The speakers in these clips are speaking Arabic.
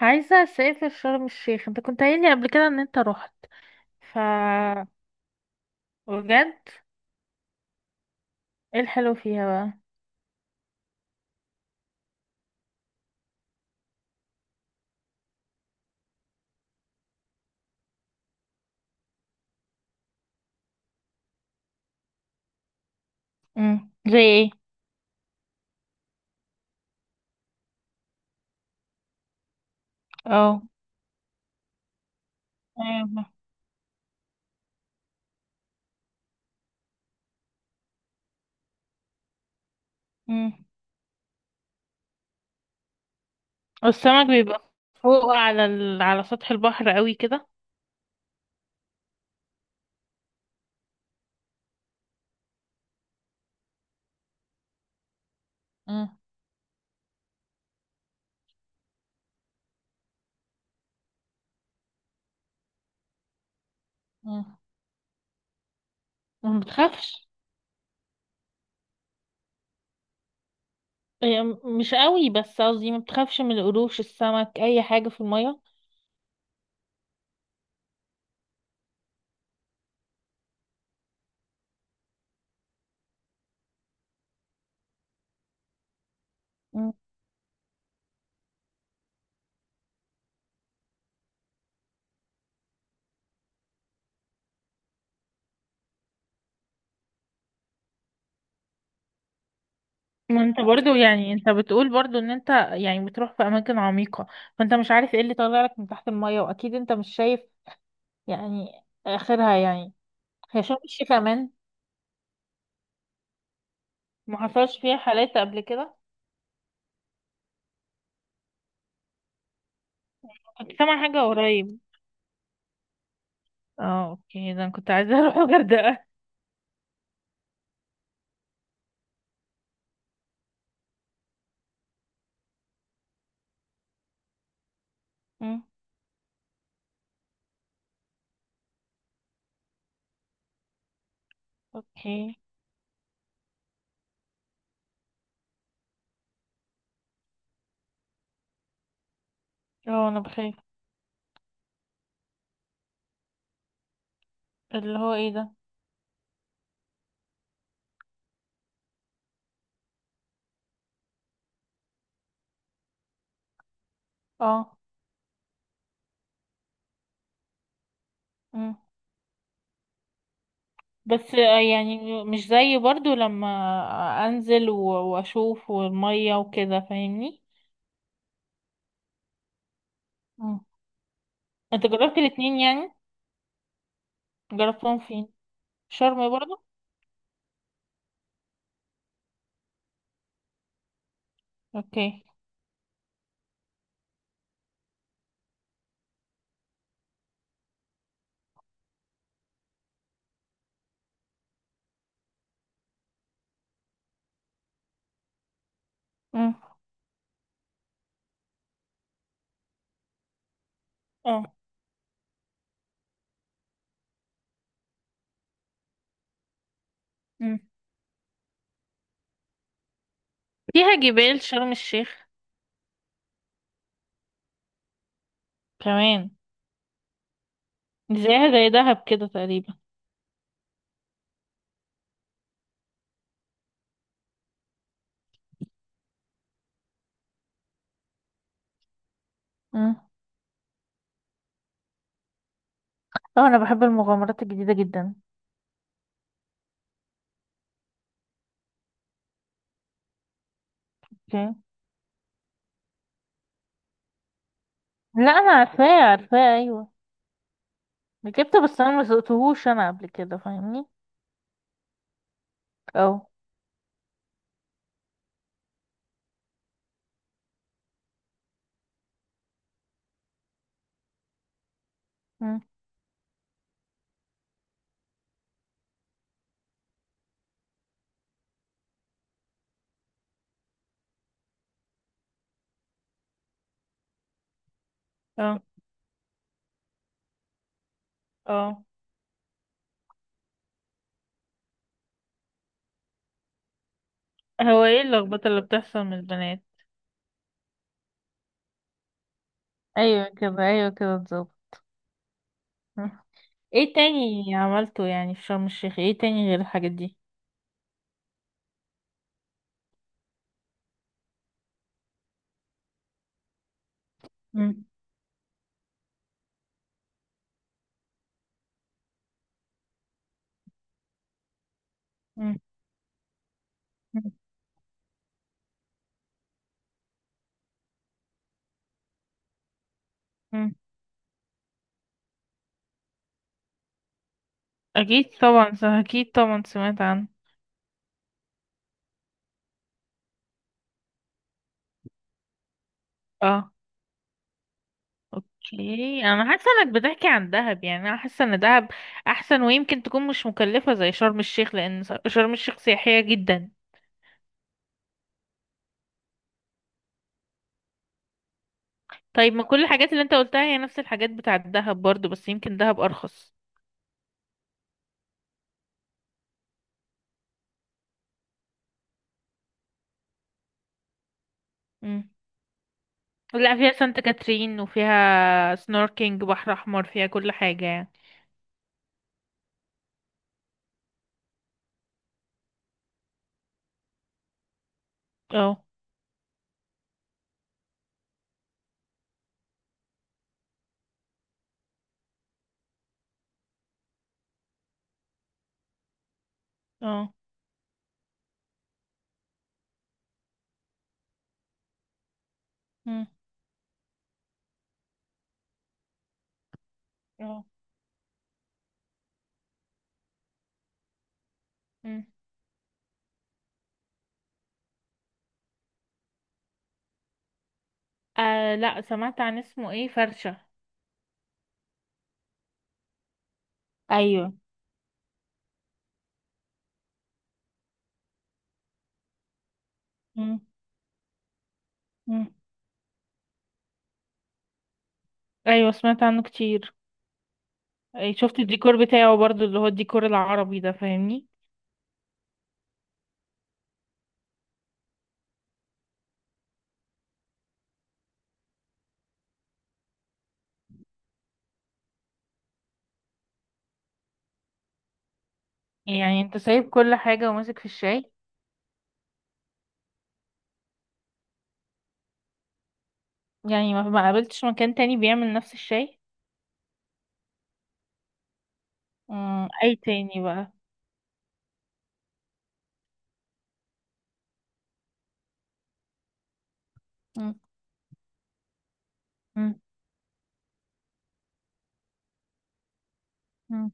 عايزة اسافر شرم الشيخ، انت كنت قايل لي قبل كده ان انت رحت. ف؟ بجد؟ ايه الحلو فيها بقى؟ زي ايه؟ اه. ايوه. امم. السمك بيبقى فوق على سطح البحر قوي كده؟ مم. مم. ما بتخافش؟ هي مش قوي، بس قصدي ما بتخافش من القروش، السمك، اي حاجة في المية؟ مم. ما انت برضو يعني انت بتقول برضو ان انت يعني بتروح في اماكن عميقة، فانت مش عارف ايه اللي طالع لك من تحت المية، واكيد انت مش شايف يعني آخرها يعني. هي شرم الشيخ كمان؟ ما حصلش فيها حالات قبل كده؟ كنت سامعة حاجة قريب. اه اوكي، ده انا كنت عايزة اروح الغردقة. أمم. اوكي. اه انا بخاف. اللي هو ايه ده؟ اه. أمم. بس يعني مش زي برضو لما انزل و- واشوف والمية وكده، فاهمني؟ أمم. انت جربت الاتنين يعني؟ جربتهم فين؟ شرم برضو؟ اوكي. أمم. اه. أمم. فيها جبال شرم الشيخ؟ كمان؟ زيها زي دهب كده تقريبا؟ مم. اه انا بحب المغامرات الجديده جدا. اوكي. لا انا عارفاه عارفاه، ايوه. ركبته بس انا ما سوقتهوش انا قبل كده، فاهمني؟ اه. مم. اه. اه. هو ايه اللخبطة اللي بتحصل من البنات؟ ايوه كده، ايوه كده بالظبط. مم. ايه تاني عملته يعني في شرم الشيخ؟ ايه تاني غير الحاجات دي؟ مم. مم. مم. مم. اكيد طبعا سمعت عنه. اه. اوكي، انا حاسه انك بتحكي عن دهب، يعني انا حاسه ان دهب احسن، ويمكن تكون مش مكلفه زي شرم الشيخ، لان شرم الشيخ سياحيه جدا. طيب ما كل الحاجات اللي انت قلتها هي نفس الحاجات بتاعه دهب برضو، بس يمكن دهب ارخص. امم. لا فيها سانت كاترين، وفيها سنوركينج، بحر احمر، فيها كل حاجه يعني. اه. اه. امم. اه. امم. آه لا، سمعت عن اسمه ايه، فرشه؟ ايوه. امم. امم. ايوه سمعت عنه كتير. أي شفت الديكور بتاعه برضو، اللي هو الديكور العربي ده، فاهمني؟ يعني انت سايب كل حاجة وماسك في الشاي؟ يعني ما قابلتش مكان تاني بيعمل نفس الشاي؟ مم. اي تاني بقى؟ مم. مم. مم.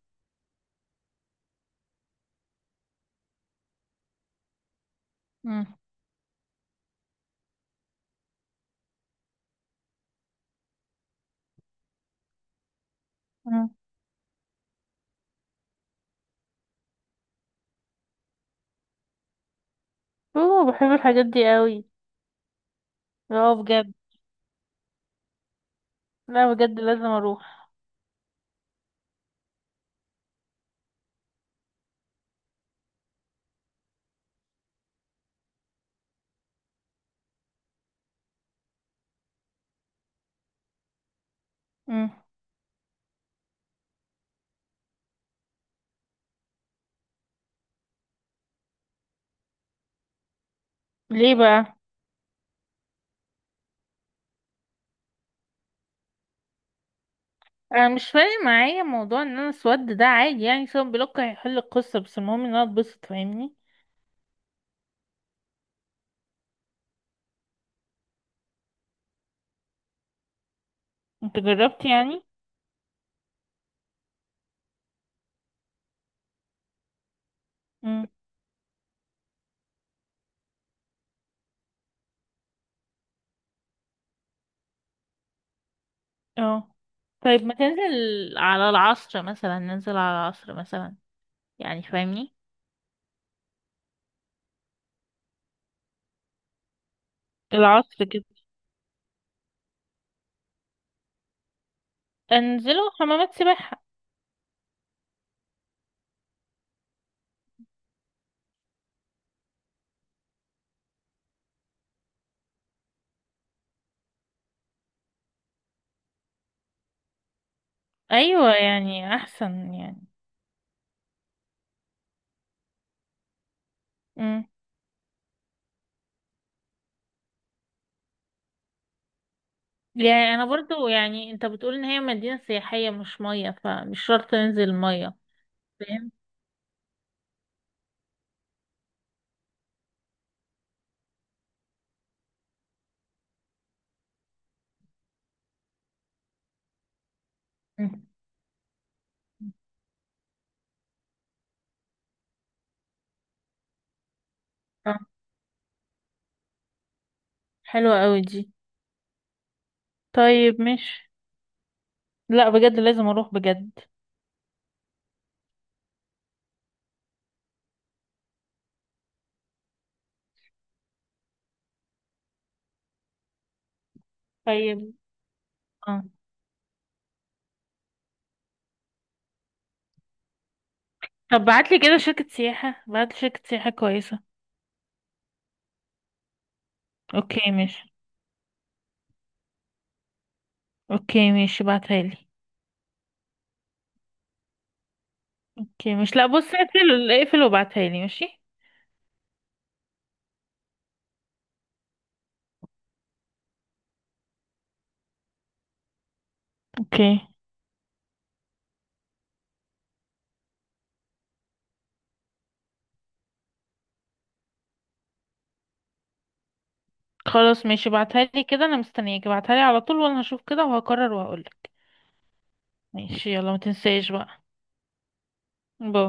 مم. مم. اوه بحب الحاجات دي قوي. اه بجد. لا بجد لازم اروح. مم. ليه بقى؟ انا مش فارق معايا موضوع ان انا اسود ده، عادي يعني، سواء بلوك هيحل القصة، بس المهم ان انا اتبسط، فاهمني؟ انت جربت يعني؟ اه. طيب ما تنزل على العصر مثلا، ننزل على العصر مثلا، يعني فاهمني؟ العصر كده؟ انزلوا حمامات سباحة. ايوه يعني احسن يعني. امم. يعني انا برضو، يعني انت بتقول ان هي مدينة سياحية مش مية، فمش شرط ننزل مية. فاهم. مم. اه، حلوة قوي دي. طيب مش. لا بجد لازم اروح بجد. طيب. اه. طب بعتلي كده شركة سياحة، بعتلي شركة سياحة كويسة. اوكي ماشي. اوكي ماشي، بعتها لي. اوكي مش، لا بص، اقفل اقفل وابعتها لي، ماشي؟ اوكي. خلاص ماشي، ابعتها لي كده، انا مستنياك، ابعتها لي على طول، وانا هشوف كده وهقرر وهقولك. ماشي، يلا ما تنساش بقى. باي.